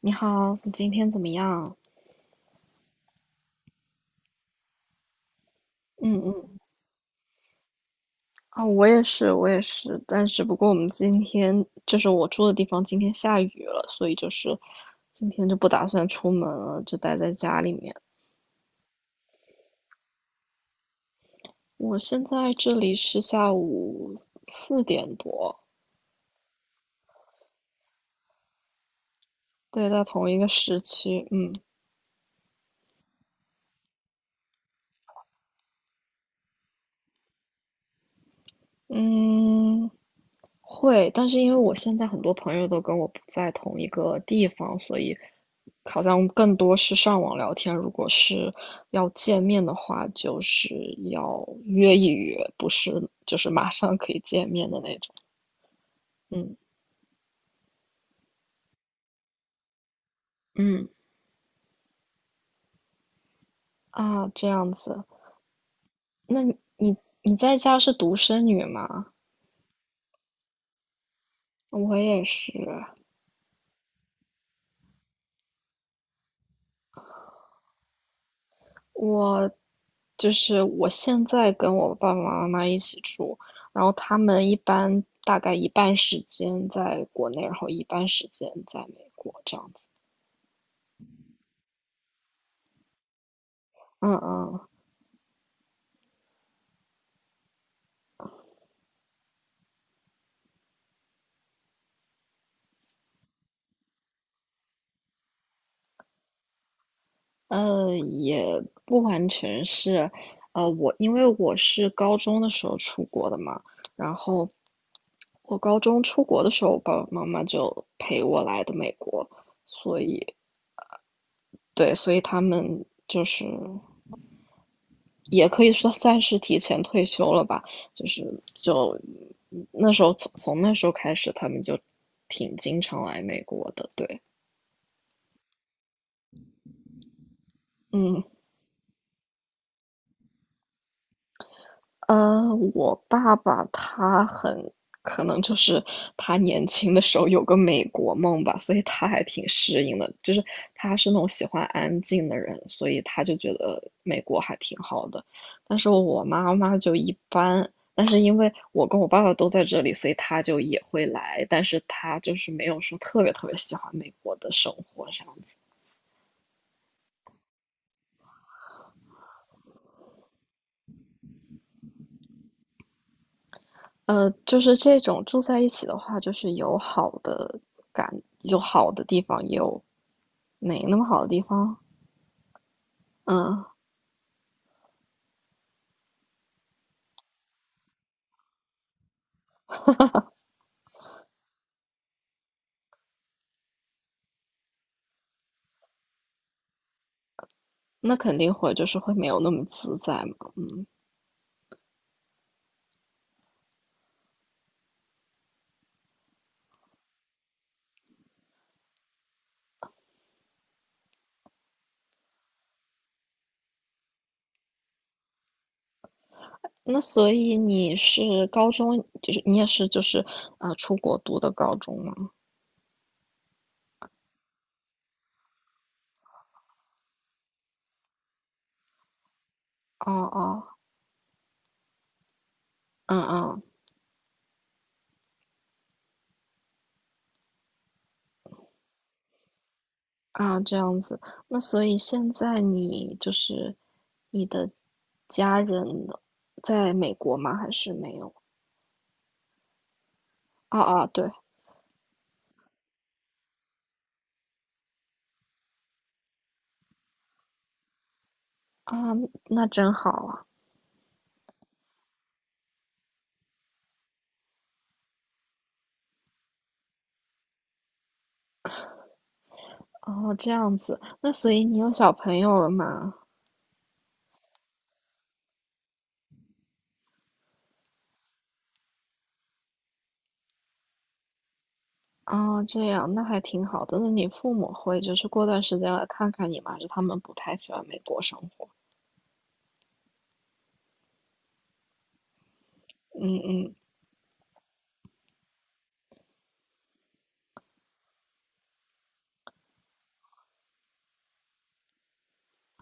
你好，你今天怎么样？嗯嗯，啊，我也是，我也是，但只不过我们今天就是我住的地方今天下雨了，所以就是今天就不打算出门了，就待在家里面。我现在这里是下午四点多，对，在同一个时区，嗯嗯，会，但是因为我现在很多朋友都跟我不在同一个地方，所以好像更多是上网聊天。如果是要见面的话，就是要约一约，不是就是马上可以见面的那种。嗯嗯啊，这样子。那你在家是独生女吗？我也是。我就是我现在跟我爸爸妈妈一起住，然后他们一般大概一半时间在国内，然后一半时间在美国这样子。嗯嗯，嗯，也不完全是，我因为我是高中的时候出国的嘛，然后我高中出国的时候，我爸爸妈妈就陪我来的美国，所以对，所以他们就是也可以说算是提前退休了吧，就是那时候从那时候开始，他们就挺经常来美国的，对，嗯。我爸爸他很可能就是他年轻的时候有个美国梦吧，所以他还挺适应的。就是他是那种喜欢安静的人，所以他就觉得美国还挺好的。但是我妈妈就一般，但是因为我跟我爸爸都在这里，所以他就也会来，但是他就是没有说特别特别喜欢美国的生活这样子。就是这种住在一起的话，就是有好的感，有好的地方，也有没那么好的地方。嗯，那肯定会就是会没有那么自在嘛。那所以你是高中，就是你也是就是出国读的高中吗？哦哦，嗯嗯啊，这样子。那所以现在你就是你的家人在美国吗？还是没有？啊啊，对啊，那真好啊。哦，这样子，那所以你有小朋友了吗？哦，这样，那还挺好的。那你父母会就是过段时间来看看你吗？就是他们不太喜欢美国生活？嗯嗯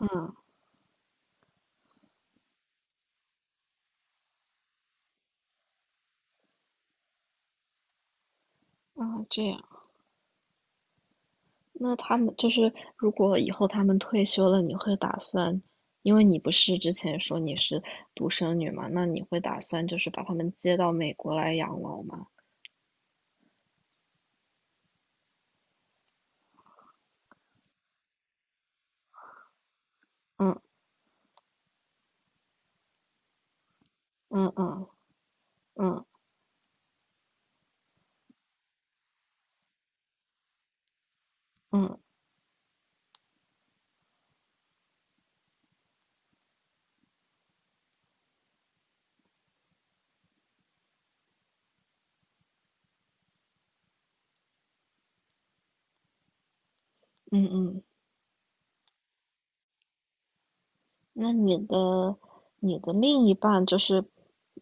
嗯啊，这样。那他们就是如果以后他们退休了，你会打算，因为你不是之前说你是独生女嘛，那你会打算就是把他们接到美国来养老吗？嗯嗯嗯嗯嗯嗯嗯。那你的另一半就是，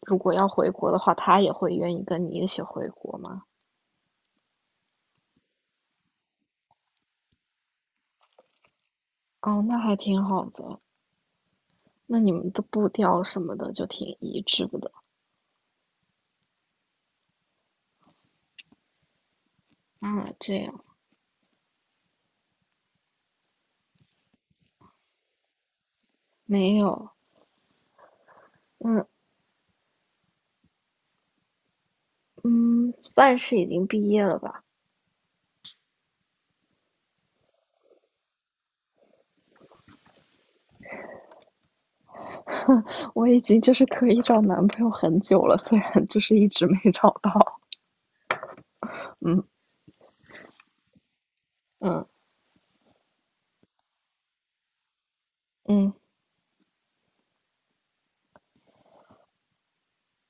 如果要回国的话，他也会愿意跟你一起回国吗？哦，那还挺好的。那你们的步调什么的就挺一致的。啊，这样，没有，嗯嗯，算是已经毕业了吧？我已经就是可以找男朋友很久了，虽然就是一直没找到。嗯嗯嗯。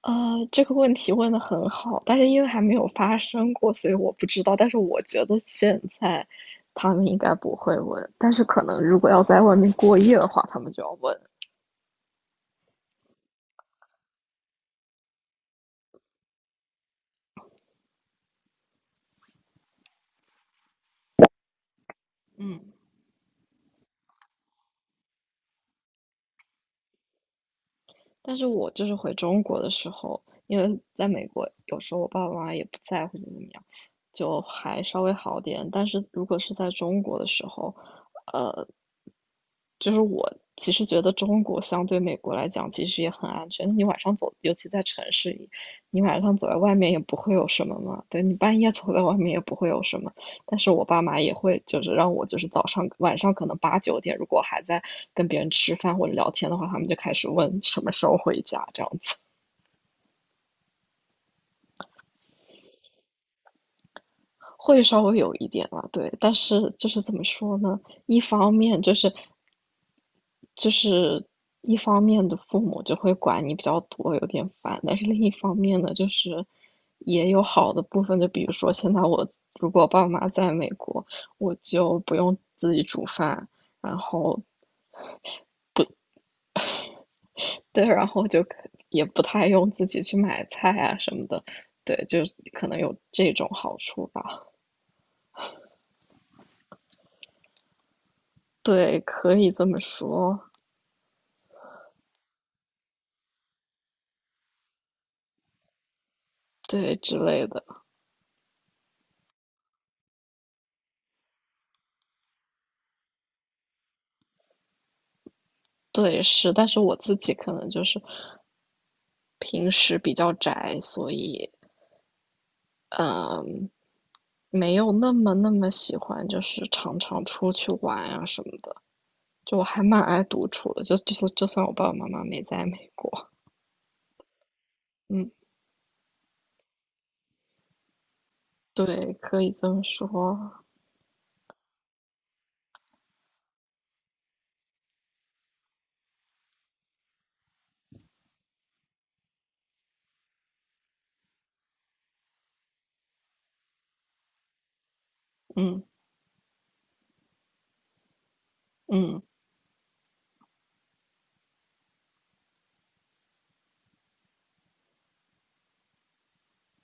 这个问题问的很好，但是因为还没有发生过，所以我不知道。但是我觉得现在他们应该不会问，但是可能如果要在外面过夜的话，他们就要问。嗯，但是我就是回中国的时候，因为在美国有时候我爸爸妈妈也不在或者怎么样，就还稍微好点。但是如果是在中国的时候，呃，就是我其实觉得中国相对美国来讲，其实也很安全。你晚上走，尤其在城市里，你晚上走在外面也不会有什么嘛。对你半夜走在外面也不会有什么。但是我爸妈也会就是让我就是早上晚上可能八九点，如果还在跟别人吃饭或者聊天的话，他们就开始问什么时候回家这样子，会稍微有一点啊，对。但是就是怎么说呢？一方面就是一方面的父母就会管你比较多，有点烦，但是另一方面呢，就是也有好的部分，就比如说现在我如果爸妈在美国，我就不用自己煮饭，然后对，然后也不太用自己去买菜啊什么的，对，就可能有这种好处吧，对，可以这么说，对之类的，对，是，但是我自己可能就是平时比较宅，所以。呃，没有那么那么喜欢，就是常常出去玩啊什么的。就我还蛮爱独处的，就算我爸爸妈妈没在美国，嗯，对，可以这么说，嗯嗯，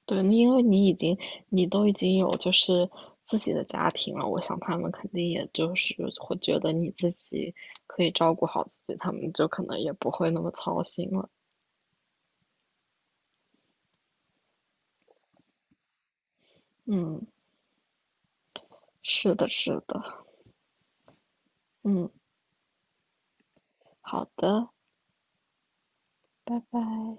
对，那因为你都已经有就是自己的家庭了，我想他们肯定也就是会觉得你自己可以照顾好自己，他们就可能也不会那么操心了。嗯，是的，是的，嗯，好的，拜拜。